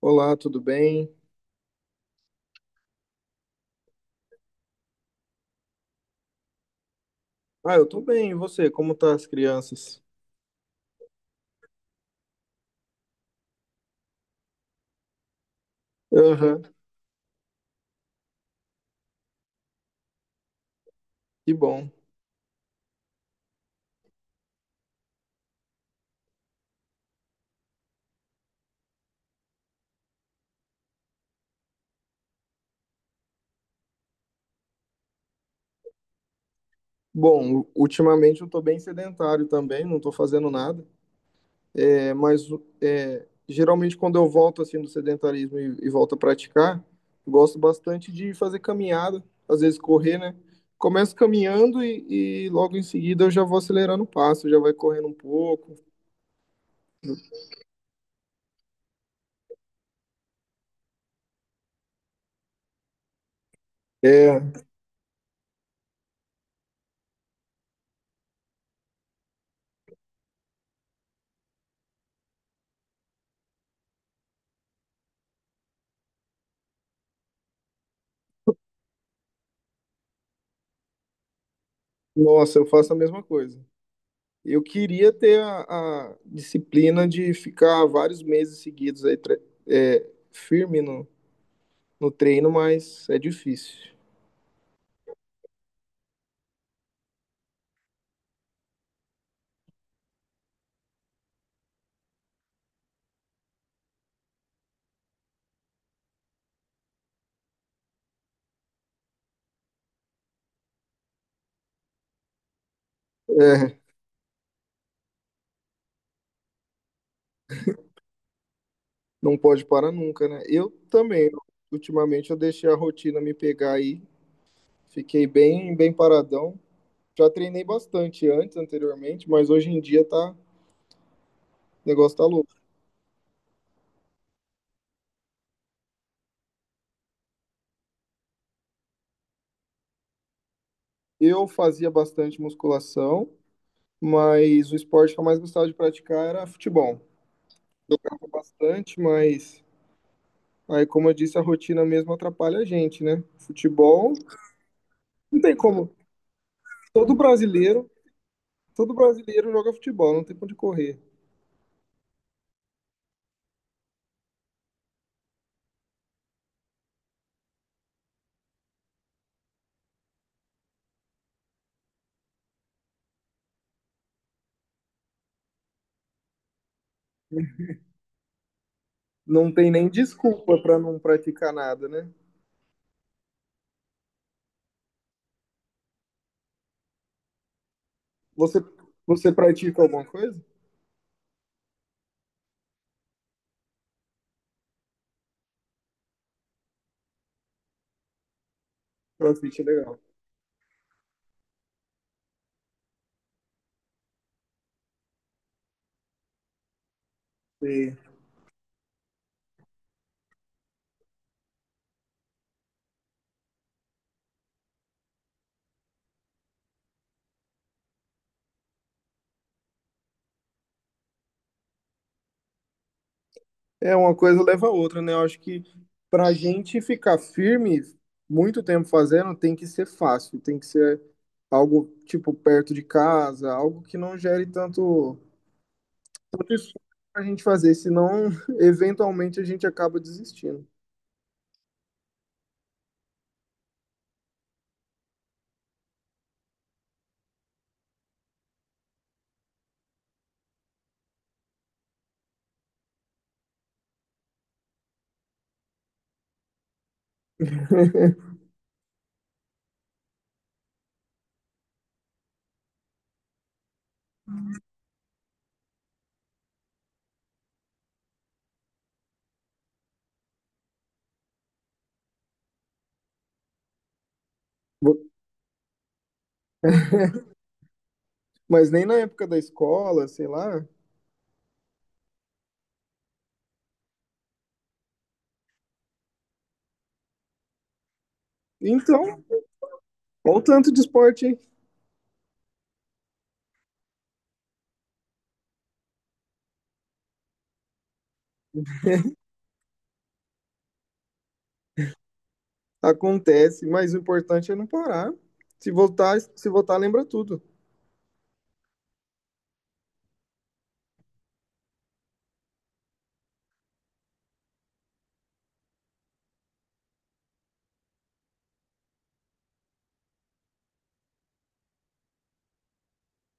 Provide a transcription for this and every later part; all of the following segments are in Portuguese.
Olá, tudo bem? Ah, eu tô bem, e você? Como tá as crianças? Aham, que bom. Bom, ultimamente eu tô bem sedentário também, não tô fazendo nada. É, mas geralmente quando eu volto assim do sedentarismo e volto a praticar, eu gosto bastante de fazer caminhada, às vezes correr, né? Começo caminhando e logo em seguida eu já vou acelerando o passo, já vai correndo um pouco. É, nossa, eu faço a mesma coisa. Eu queria ter a disciplina de ficar vários meses seguidos aí, firme no treino, mas é difícil. É, não pode parar nunca, né? Eu também, ultimamente eu deixei a rotina me pegar aí, fiquei bem paradão. Já treinei bastante antes, anteriormente, mas hoje em dia tá, o negócio tá louco. Eu fazia bastante musculação, mas o esporte que eu mais gostava de praticar era futebol. Bastante, mas aí, como eu disse, a rotina mesmo atrapalha a gente, né? Futebol, não tem como. Todo brasileiro, todo brasileiro joga futebol, não tem pra onde correr. Não tem nem desculpa pra não praticar nada, né? Você, você pratica alguma coisa? Crossfit é legal. E é uma coisa leva a outra, né? Eu acho que pra gente ficar firme muito tempo fazendo, tem que ser fácil, tem que ser algo tipo perto de casa, algo que não gere tanto esforço para a gente fazer, senão eventualmente a gente acaba desistindo. Vo- Mas nem na época da escola, sei lá. Então, olha o tanto de esporte acontece, mas o importante é não parar. Se voltar, lembra tudo.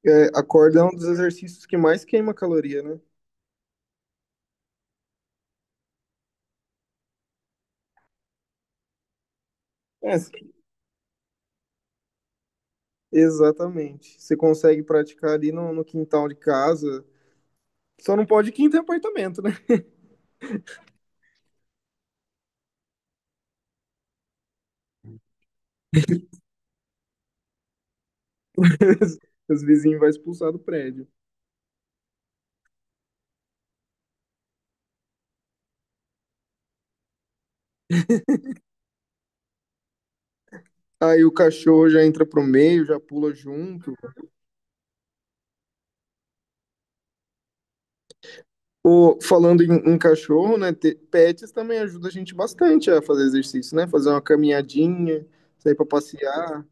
É, a corda é um dos exercícios que mais queima caloria, né? É, exatamente. Você consegue praticar ali no quintal de casa. Só não pode quinta em apartamento, né? Os vizinhos vão expulsar do prédio. Aí o cachorro já entra pro meio, já pula junto. O, falando em cachorro, né? Pets também ajuda a gente bastante a fazer exercício, né? Fazer uma caminhadinha, sair pra passear.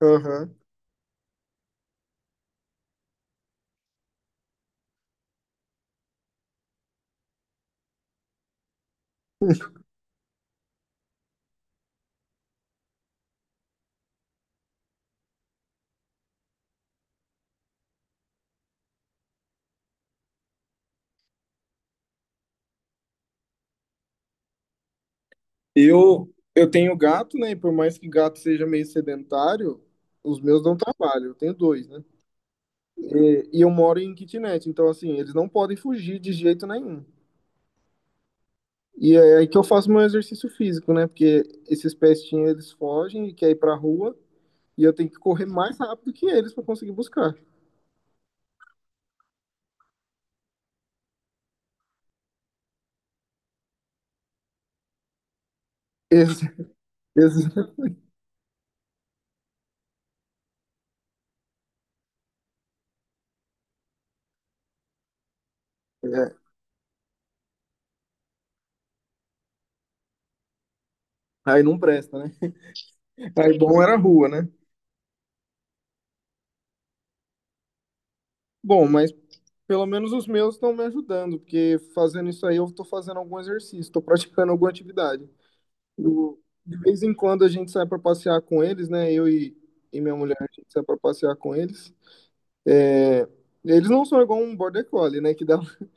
Aham. Eu tenho gato, né? E por mais que gato seja meio sedentário, os meus dão trabalho. Eu tenho dois, né? E eu moro em kitnet, então assim, eles não podem fugir de jeito nenhum. E é aí que eu faço meu exercício físico, né? Porque esses pestinhos eles fogem e querem ir pra rua, e eu tenho que correr mais rápido que eles pra conseguir buscar. Ex ex- Aí não presta, né? Aí bom era a rua, né? Bom, mas pelo menos os meus estão me ajudando, porque fazendo isso aí eu estou fazendo algum exercício, estou praticando alguma atividade. De vez em quando a gente sai para passear com eles, né? E minha mulher, a gente sai para passear com eles. É, eles não são igual um border collie, né? Que dá um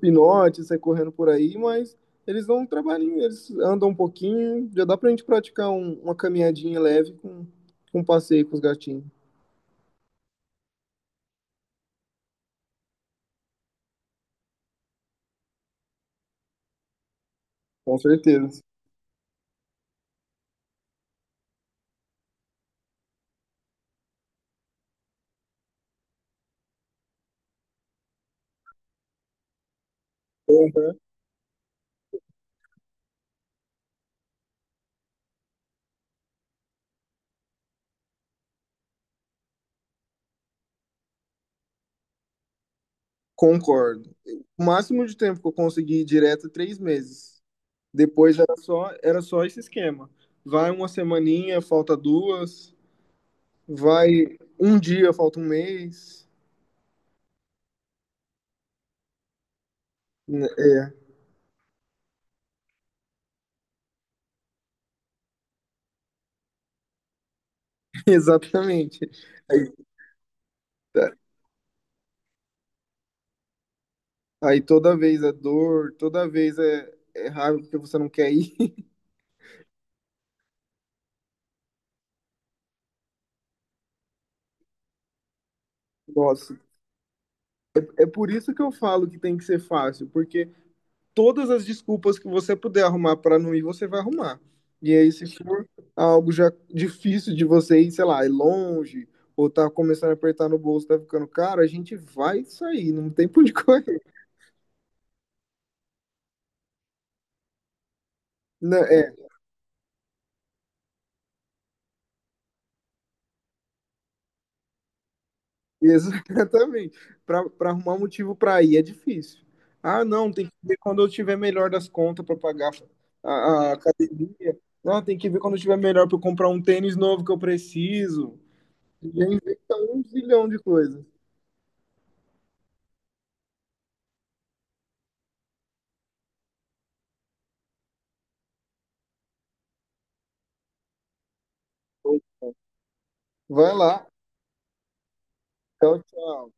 pinote, sai correndo por aí, mas eles dão um trabalhinho, eles andam um pouquinho, já dá pra gente praticar uma caminhadinha leve com um passeio com os gatinhos. Com certeza. Concordo. O máximo de tempo que eu consegui ir direto é 3 meses. Depois era só esse esquema. Vai uma semaninha, falta duas. Vai um dia, falta um mês. Né, É, exatamente. Aí, tá- Aí toda vez é dor, toda vez é raiva porque você não quer ir. Nossa, é por isso que eu falo que tem que ser fácil, porque todas as desculpas que você puder arrumar para não ir, você vai arrumar. E aí, se for algo já difícil de você ir, sei lá, ir longe, ou tá começando a apertar no bolso, tá ficando caro, a gente vai sair, não tem por onde correr. Né? É, exatamente. Para arrumar um motivo para ir é difícil. Ah, não, tem que ver quando eu tiver melhor das contas para pagar a academia. Não, tem que ver quando eu tiver melhor para comprar um tênis novo que eu preciso. E aí, inventa um zilhão de coisas. Vai lá. Tchau, tchau.